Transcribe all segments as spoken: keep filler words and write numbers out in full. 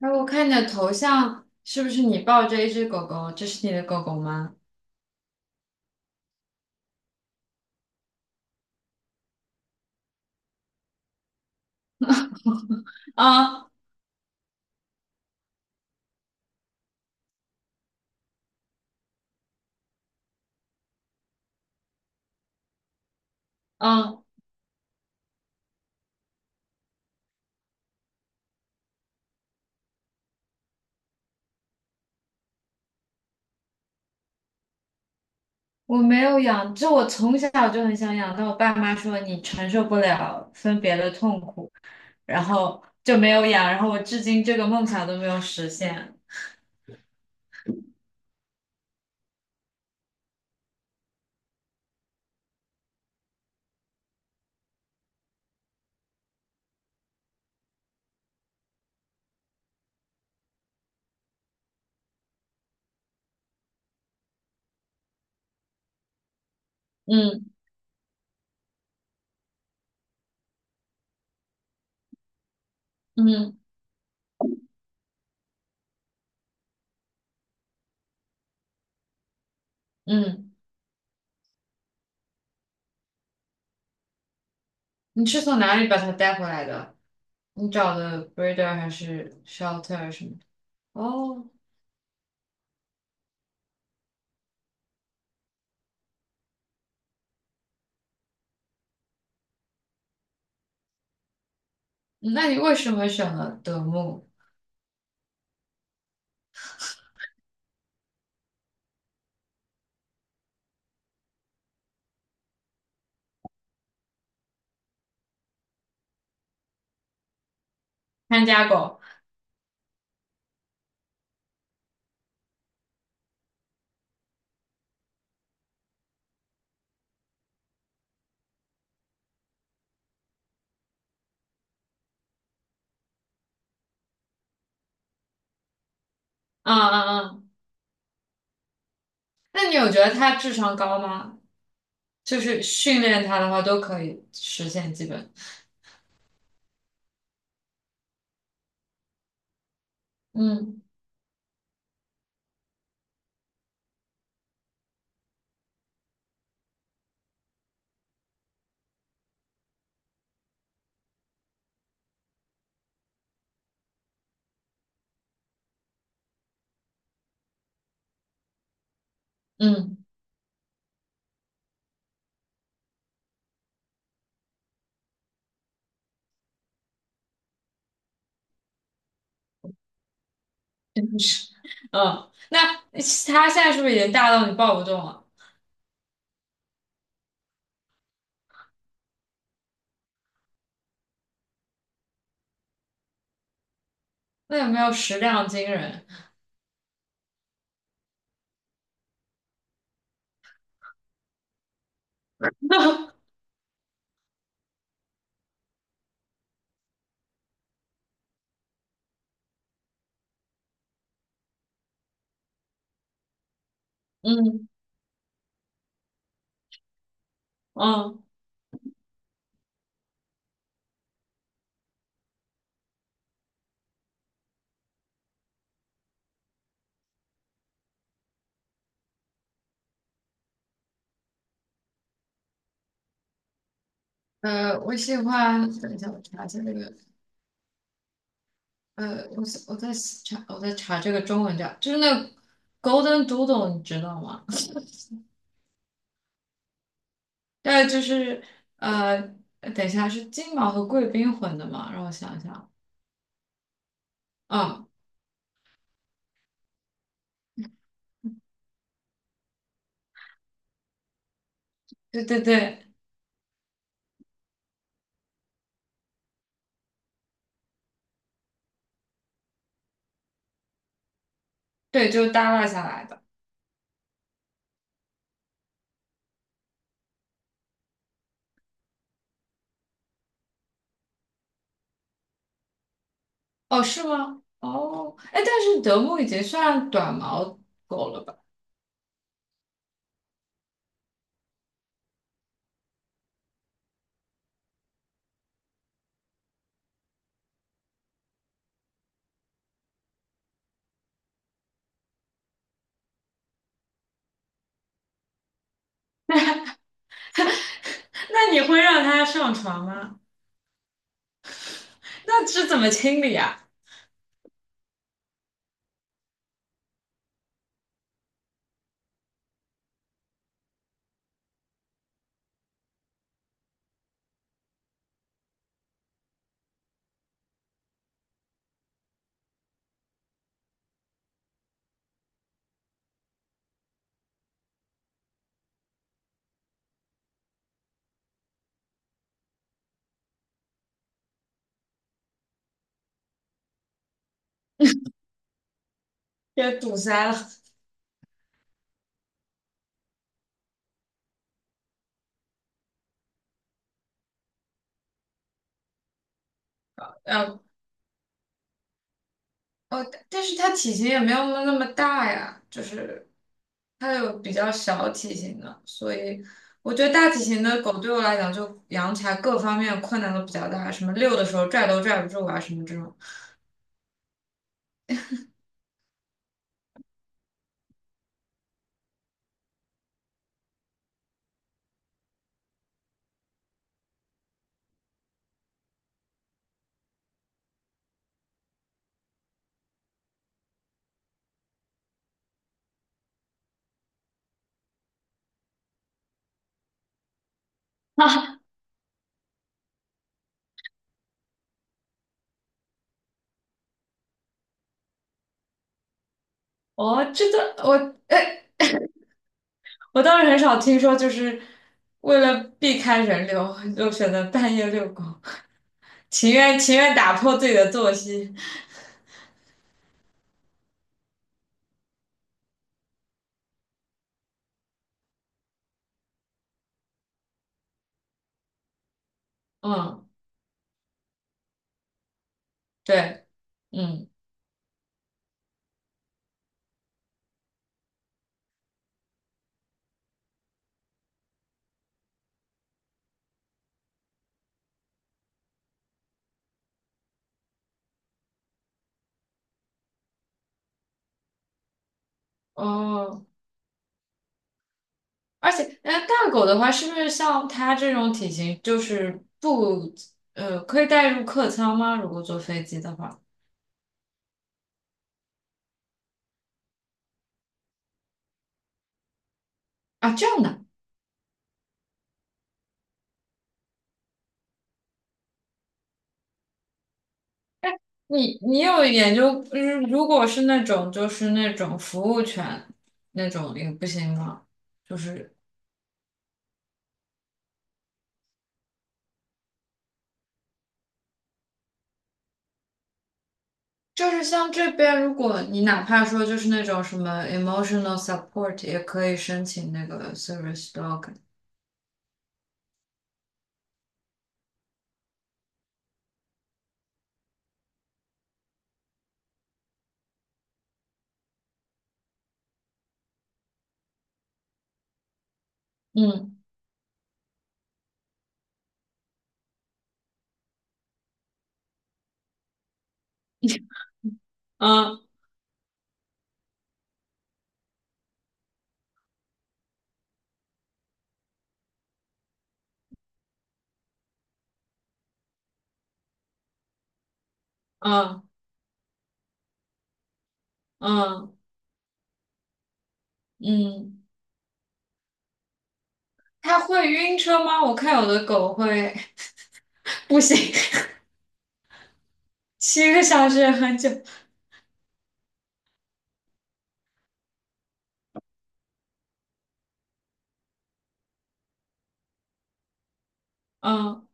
哎，我看你的头像是不是你抱着一只狗狗？这是你的狗狗吗？啊啊，我没有养，这我从小就很想养，但我爸妈说你承受不了分别的痛苦，然后就没有养，然后我至今这个梦想都没有实现。嗯嗯嗯，你是从哪里把它带回来的？你找的 breeder 还是 shelter 什么的？哦，那你为什么选了德牧看家狗？啊啊啊！那你有觉得他智商高吗？就是训练他的话都可以实现基本。嗯，嗯，是。嗯。那他现在是不是已经大到你抱不动了？那有没有食量惊人？嗯嗯呃，我喜欢，等一下我查一下这个，呃，我是我在查我在查这个中文叫，就是那个 Golden Doodle，你知道吗？对，就是呃，等一下是金毛和贵宾混的嘛，让我想想，嗯，对对对。对，就是耷拉下来的。哦，是吗？哦，哎，但是德牧已经算短毛狗了吧？那你会让它上床吗？那是怎么清理啊？也堵塞了。呃，哦，但是它体型也没有那么大呀，就是它有比较小体型的，所以我觉得大体型的狗对我来讲就养起来各方面困难都比较大，什么遛的时候拽都拽不住啊，什么这种。哦，这个我 我倒是很少听说，就是为了避开人流，就选择半夜遛狗，情愿情愿打破自己的作息。嗯，对。嗯，哦，而且，哎，大狗的话，是不是像它这种体型，就是不，呃，可以带入客舱吗？如果坐飞机的话，啊，这样的，你你有研究，嗯，如果是那种就是那种服务犬那种也不行吗？就是。就是像这边，如果你哪怕说就是那种什么 emotional support，也可以申请那个 service dog。嗯嗯嗯嗯嗯，它会晕车吗？我看有的狗会，不行，七个小时也很久。嗯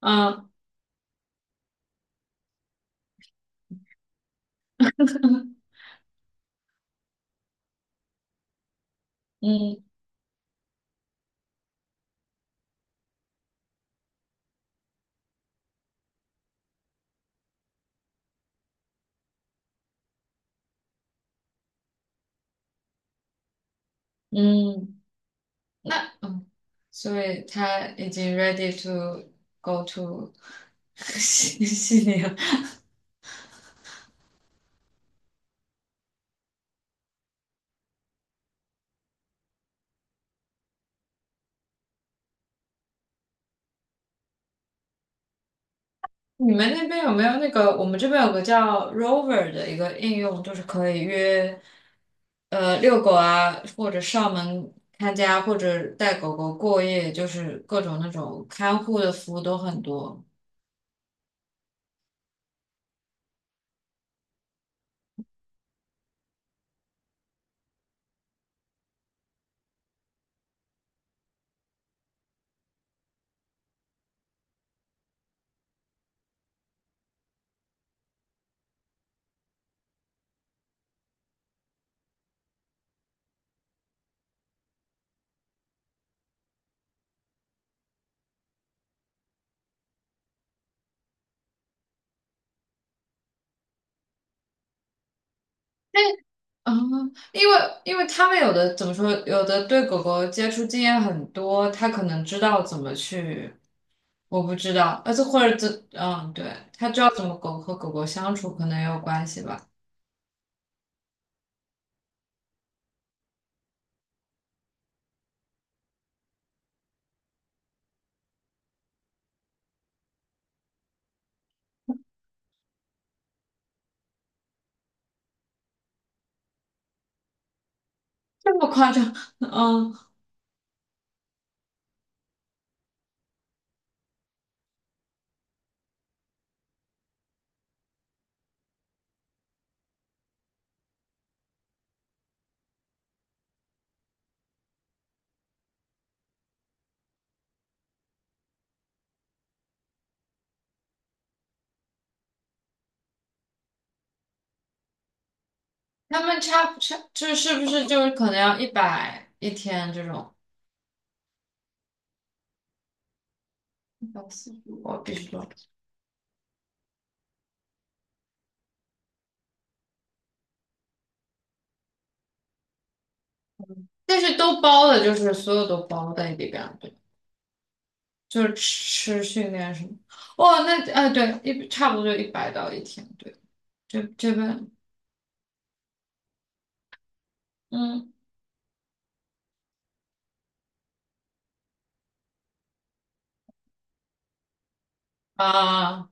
嗯 嗯嗯嗯，所以它已经 ready to go to 悉西尼了。你们那边有没有那个？我们这边有个叫 Rover 的一个应用，就是可以约，呃，遛狗啊，或者上门看家，或者带狗狗过夜，就是各种那种看护的服务都很多。嗯，因为因为他们有的怎么说，有的对狗狗接触经验很多，他可能知道怎么去，我不知道，而且或者怎，嗯，对，他知道怎么狗和狗狗相处，可能也有关系吧。这么夸张？嗯。他们差不差，就是不是就是可能要一百一天这种？一百四十五，必须多。但是都包的，就是所有都包在里边，对，就是吃训练什么。哦，那呃，对，一差不多就一百到一天，对，这这边，嗯啊，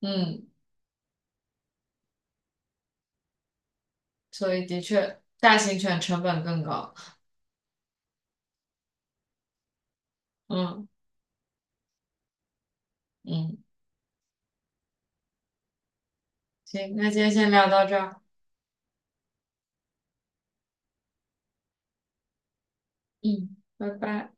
嗯，所以的确，大型犬成本更高。嗯。嗯，行，那今天先聊到这儿，嗯，拜拜。